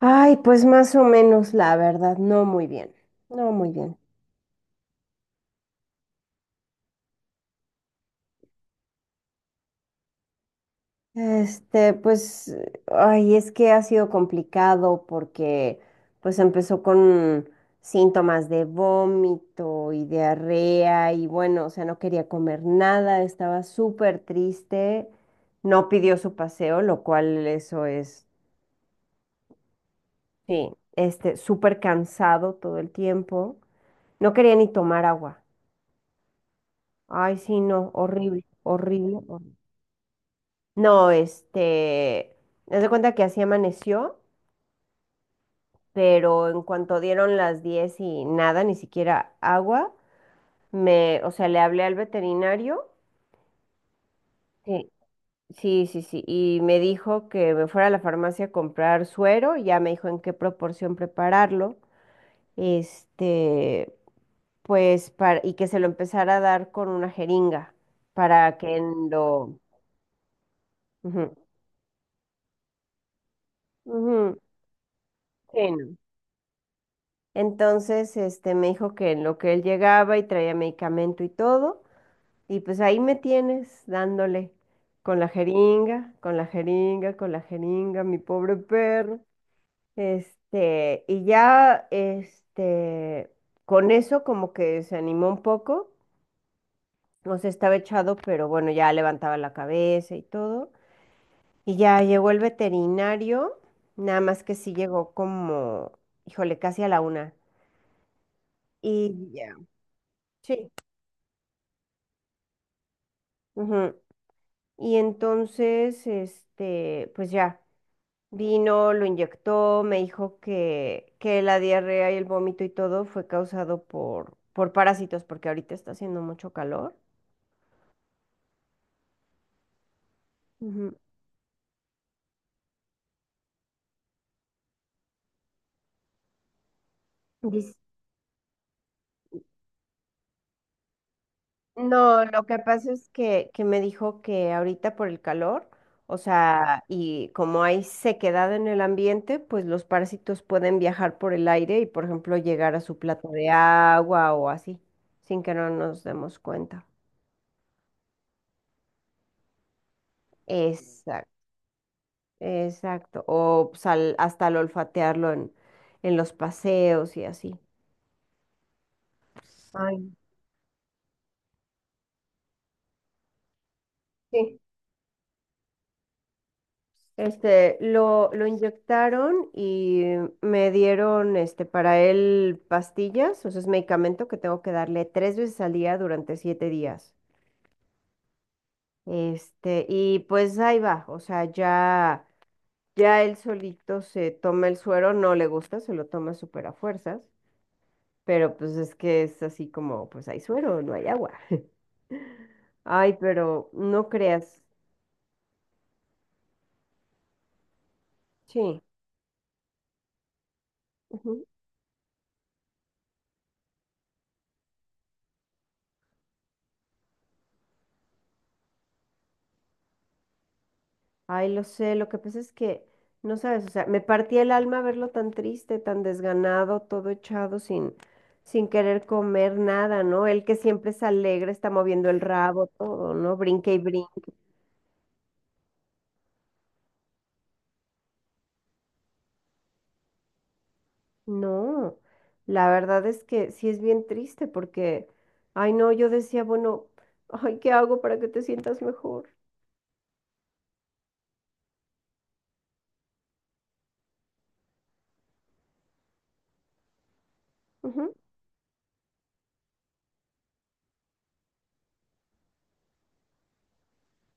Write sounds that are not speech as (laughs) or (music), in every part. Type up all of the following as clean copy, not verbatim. Ay, pues más o menos, la verdad, no muy bien, no muy bien. Este, pues, ay, es que ha sido complicado porque, pues, empezó con síntomas de vómito y diarrea y bueno, o sea, no quería comer nada, estaba súper triste, no pidió su paseo, lo cual eso es, sí, este, súper cansado todo el tiempo, no quería ni tomar agua. Ay, sí, no, horrible, horrible, horrible. No, este, haz de cuenta que así amaneció, pero en cuanto dieron las 10 y nada, ni siquiera agua, o sea, le hablé al veterinario. Sí, sí, sí, sí, y me dijo que me fuera a la farmacia a comprar suero, y ya me dijo en qué proporción prepararlo, este, pues, y que se lo empezara a dar con una jeringa, para que en lo... Ujú, ujú, sí, no. Entonces, este, me dijo que en lo que él llegaba y traía medicamento y todo, y pues ahí me tienes dándole con la jeringa, con la jeringa, con la jeringa, mi pobre perro. Este, y ya, este, con eso como que se animó un poco, no se estaba echado, pero bueno, ya levantaba la cabeza y todo. Y ya llegó el veterinario, nada más que sí llegó como, híjole, casi a la 1. Y ya. Sí, ujú. Y entonces, este, pues ya, vino, lo inyectó, me dijo que la diarrea y el vómito y todo fue causado por parásitos, porque ahorita está haciendo mucho calor. Ujú. Dice- no, lo que pasa es que me dijo que ahorita por el calor, o sea, y como hay sequedad en el ambiente, pues los parásitos pueden viajar por el aire y, por ejemplo, llegar a su plato de agua o así, sin que no nos demos cuenta. Exacto. Exacto. O pues, hasta al olfatearlo en los paseos y así. Ay, sí. Este, lo inyectaron y me dieron este, para él pastillas, o sea, es medicamento que tengo que darle tres veces al día durante 7 días. Este, y pues ahí va, o sea, ya, ya él solito se toma el suero, no le gusta, se lo toma súper a fuerzas. Pero pues es que es así como, pues hay suero, no hay agua. (laughs) Ay, pero no creas. Sí, ujú. Ay, lo sé, lo que pasa es que, no sabes, o sea, me partía el alma verlo tan triste, tan desganado, todo echado sin, sin querer comer nada, ¿no? Él que siempre es alegre, está moviendo el rabo, todo, ¿no? Brinque y brinque. No, la verdad es que sí es bien triste porque, ay, no, yo decía, bueno, ay, ¿qué hago para que te sientas mejor? Ujú.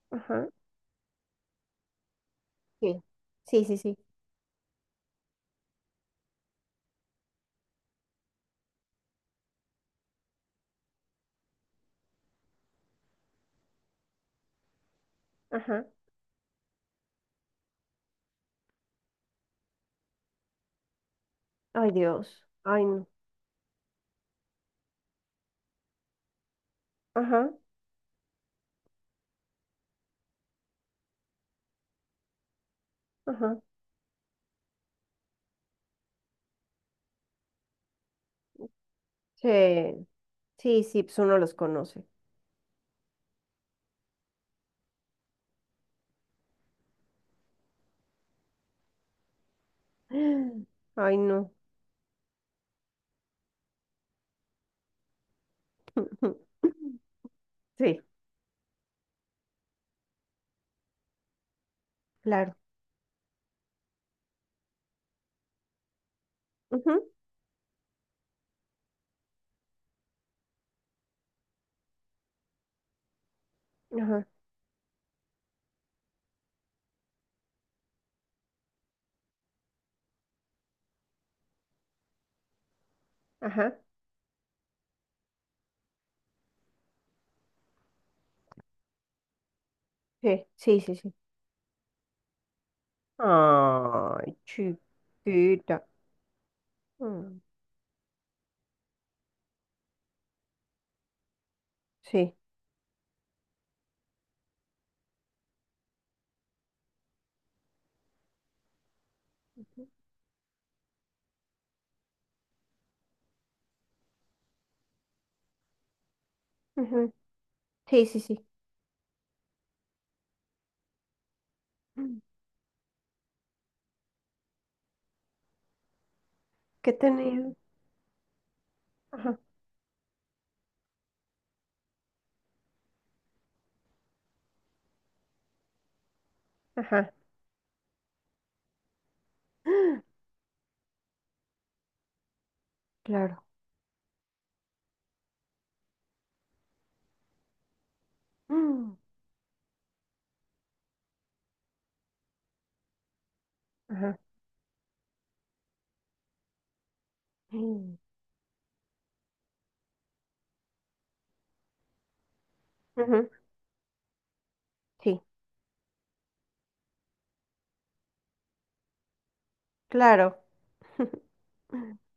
Ajá, sí, sí, sí, sí, ajá. Ay, Dios. Ay, no. Ajá, ajá. Sí, sí, sí, pues uno los conoce. (gasps) Ay, no. (laughs) Sí, claro. Ujú. Ajá, ajá. Sí, sí, sí, sí. Ay, chiquita. Mm, sí, ujú, sí, sí, sí. Mm. ¿Qué tenía? Ajá, ajá. (gasps) Claro. Mm, ajá. Mm, ujú, sí, claro. (laughs)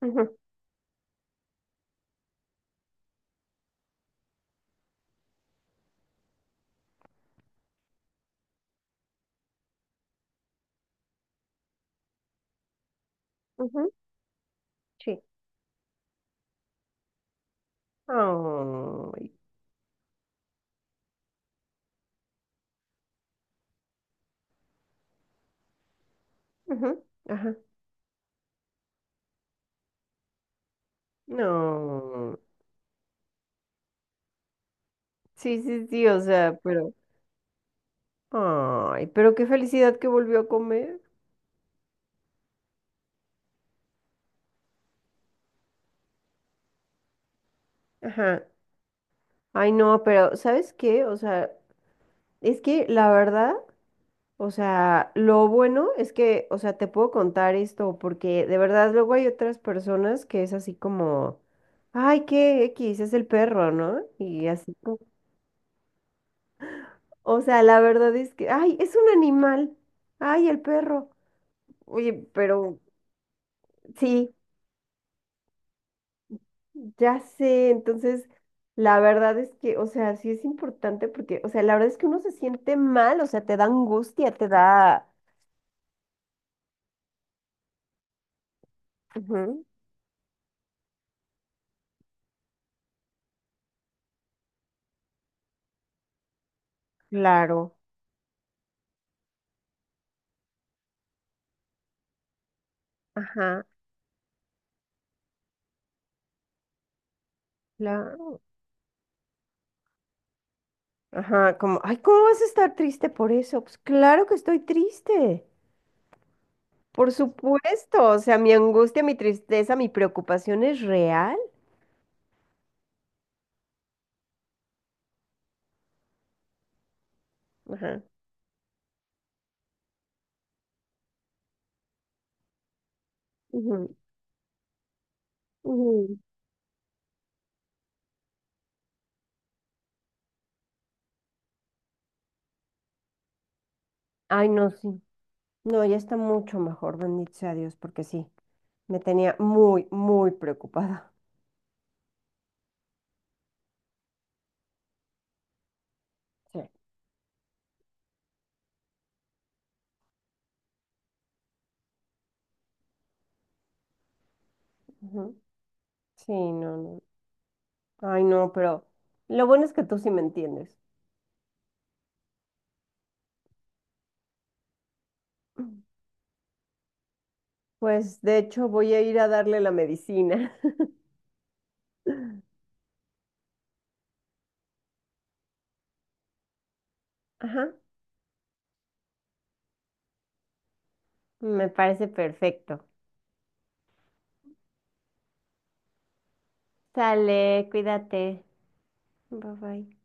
Ujú, ujú, sí. Ay, ujú, ajá. No. Sí, sí, sí, o sea, pero. Ay, pero qué felicidad que volvió a comer. Ajá. Ay, no, pero ¿sabes qué? O sea, es que la verdad, o sea, lo bueno es que, o sea, te puedo contar esto, porque de verdad luego hay otras personas que es así como, ay, qué X, es el perro, ¿no? Y así como, o sea, la verdad es que, ay, es un animal, ay, el perro. Oye, pero sí, ya sé. Entonces, la verdad es que, o sea, sí es importante porque, o sea, la verdad es que uno se siente mal, o sea, te da angustia, te da... Ujú. Claro, ajá, claro, ajá, como, ay, ¿cómo vas a estar triste por eso? Pues claro que estoy triste, por supuesto, o sea, mi angustia, mi tristeza, mi preocupación es real. Ajá. Ujú, ujú. Ay, no, sí, no, ya está mucho mejor, bendito sea Dios, porque sí. Me tenía muy, muy preocupada. Sí. Ujú. Sí, no, no. Ay, no, pero lo bueno es que tú sí me entiendes. Pues de hecho voy a ir a darle la medicina. (laughs) Ajá, me parece perfecto. Sale, cuídate. Bye bye.